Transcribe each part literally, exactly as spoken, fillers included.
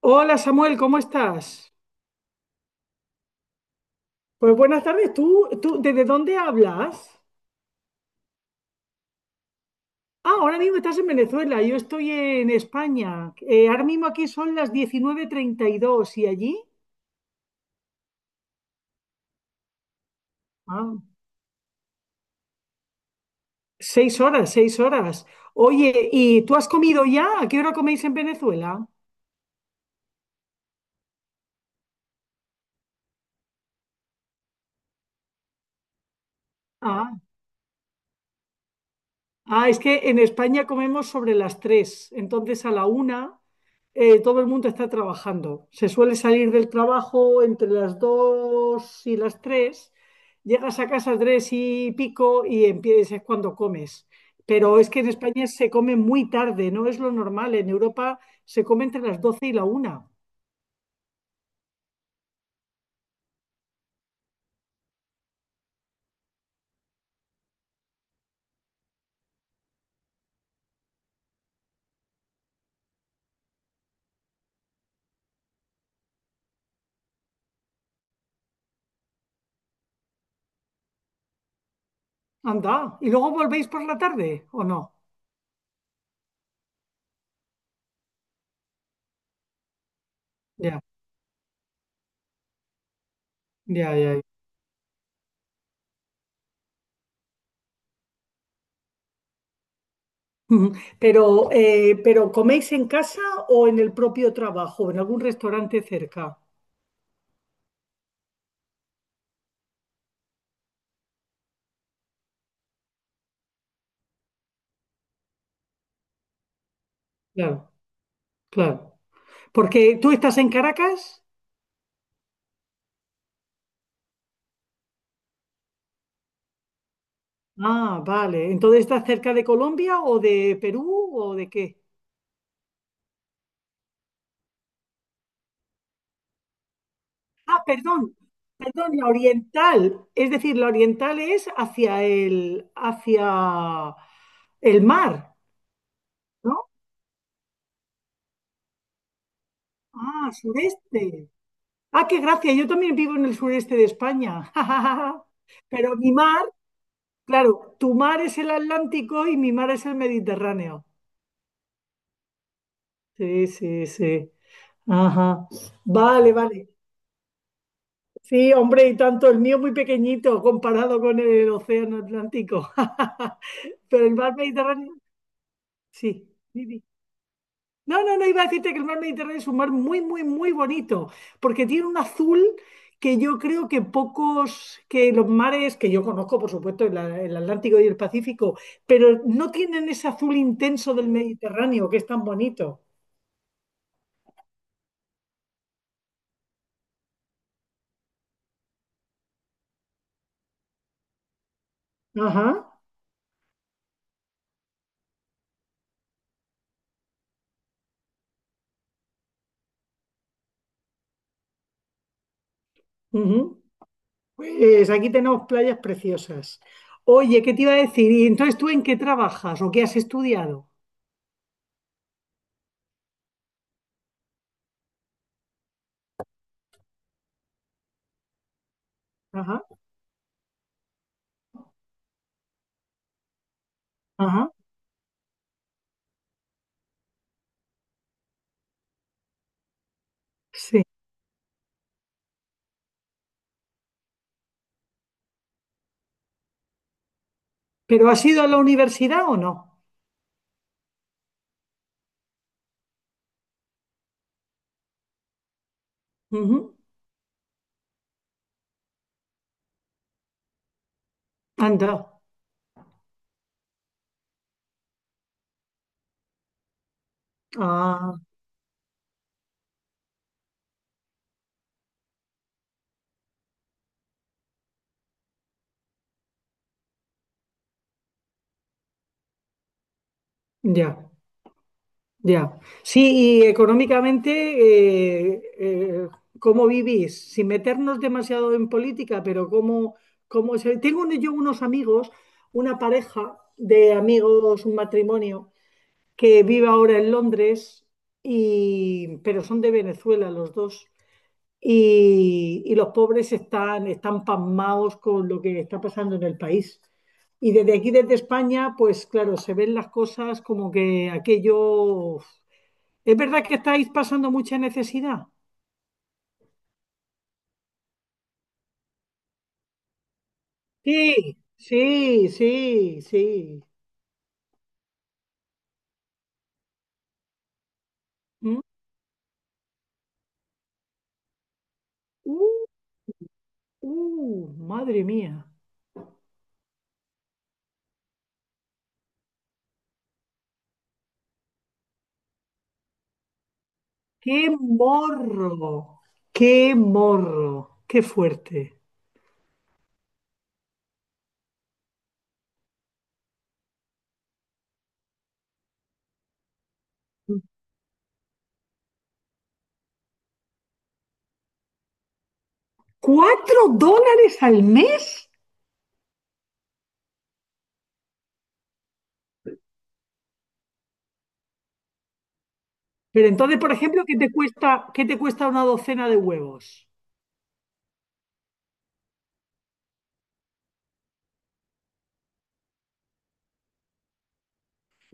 Hola Samuel, ¿cómo estás? Pues buenas tardes, ¿tú, tú desde dónde hablas? Ah, ahora mismo estás en Venezuela, yo estoy en España. Eh, ahora mismo aquí son las diecinueve treinta y dos y allí. Ah, seis horas, seis horas. Oye, ¿y tú has comido ya? ¿A qué hora coméis en Venezuela? ah, Ah, es que en España comemos sobre las tres, entonces a la una. Eh, todo el mundo está trabajando. Se suele salir del trabajo entre las dos y las tres. Llegas a casa tres y pico y empiezas, es cuando comes. Pero es que en España se come muy tarde, no es lo normal. En Europa se come entre las doce y la una. Anda, ¿y luego volvéis por la tarde o no? Ya, ya, ya. Ya. Ujú. Pero, eh, pero ¿coméis en casa o en el propio trabajo, en algún restaurante cerca? Claro, claro. Porque tú estás en Caracas. Ah, vale. Entonces, ¿está cerca de Colombia o de Perú o de qué? Ah, perdón, perdón, la oriental. Es decir, la oriental es hacia el, hacia el mar, ¿no? Ah, sureste. Ah, qué gracia. Yo también vivo en el sureste de España. Pero mi mar, claro, tu mar es el Atlántico y mi mar es el Mediterráneo. Sí, sí, sí. Ajá. Vale, vale. Sí, hombre, y tanto, el mío muy pequeñito comparado con el océano Atlántico. Pero el mar Mediterráneo, sí. Sí, sí. No, no, no iba a decirte que el mar Mediterráneo es un mar muy, muy, muy bonito, porque tiene un azul que yo creo que pocos, que los mares que yo conozco, por supuesto, el, a- el Atlántico y el Pacífico, pero no tienen ese azul intenso del Mediterráneo, que es tan bonito. Ajá. Ujú. Pues aquí tenemos playas preciosas. Oye, ¿qué te iba a decir? ¿Y entonces tú en qué trabajas o qué has estudiado? Ajá, ajá, sí. ¿Pero has ido a la universidad o no? Ujú. Anda. Ah, ya, ya. Sí, y económicamente, eh, eh, ¿cómo vivís? Sin meternos demasiado en política, pero ¿cómo, cómo se...? Tengo yo unos amigos, una pareja de amigos, un matrimonio que vive ahora en Londres, y, pero son de Venezuela los dos. Y, y los pobres están, están pasmados con lo que está pasando en el país. Y desde aquí, desde España, pues claro, se ven las cosas como que aquello... ¿Es verdad que estáis pasando mucha necesidad? Sí, sí, sí, sí. ¿Mm? Uh, uh, madre mía. ¡Qué morro! ¡Qué morro! ¡Qué fuerte! ¿Cuatro dólares al mes? Pero entonces, por ejemplo, ¿qué te cuesta, qué te cuesta una docena de huevos?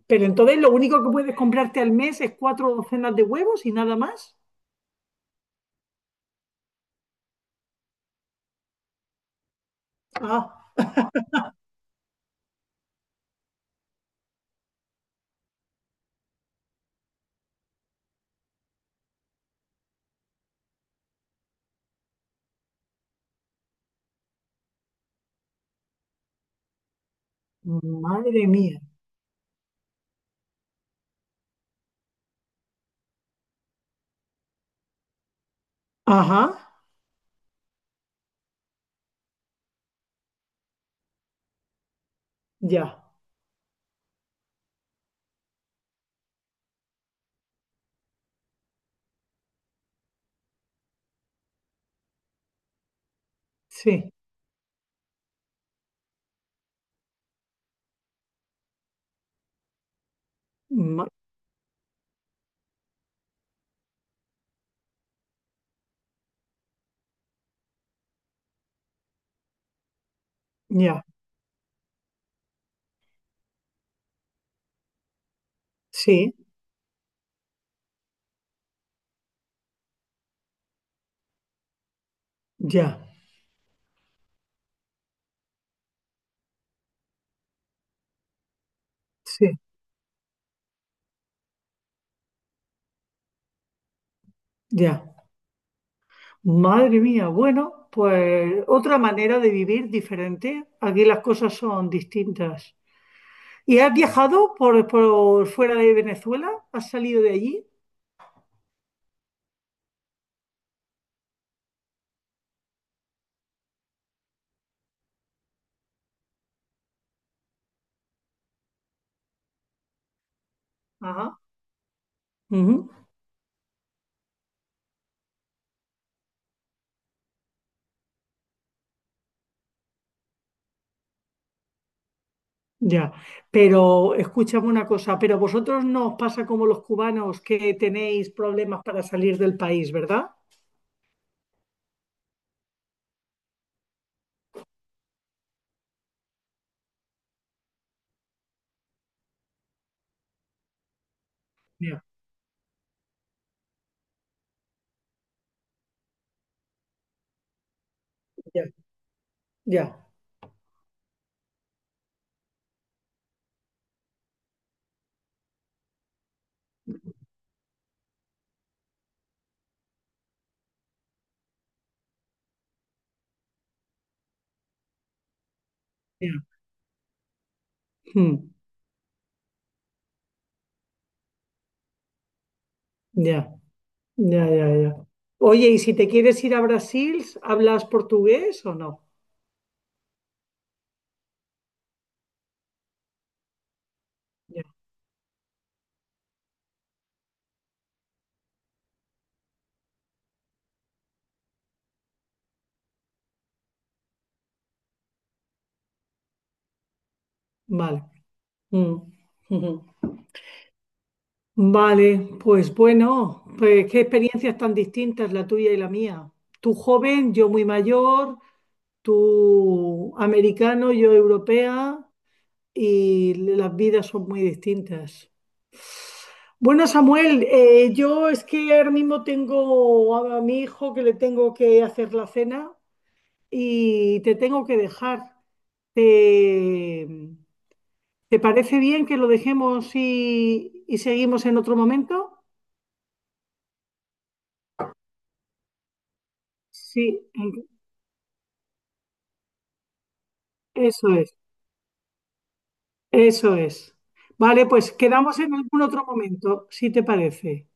Pero entonces lo único que puedes comprarte al mes es cuatro docenas de huevos y nada más. Ah, madre mía. Ajá, ya, sí, ma- ya, sí, ya, sí, ya. Madre mía, bueno, pues otra manera de vivir diferente. Aquí las cosas son distintas. ¿Y has viajado por, por fuera de Venezuela? ¿Has salido de allí? Ajá, ujú, ya. Pero escúchame una cosa, pero vosotros no os pasa como los cubanos que tenéis problemas para salir del país, ¿verdad? Ya, ya, ya, ya, mm, ya, ya, ya, ya. Oye, y si te quieres ir a Brasil, ¿hablas portugués o no? Ya, vale. Mm, ujú. Vale, pues bueno, pues qué experiencias tan distintas la tuya y la mía. Tú joven, yo muy mayor, tú americano, yo europea, y las vidas son muy distintas. Bueno, Samuel, eh, yo es que ahora mismo tengo a, a mi hijo, que le tengo que hacer la cena, y te tengo que dejar. ¿Te, te parece bien que lo dejemos y, y seguimos en otro momento? Sí, en- eso es, eso es. Vale, pues quedamos en algún otro momento, si te parece.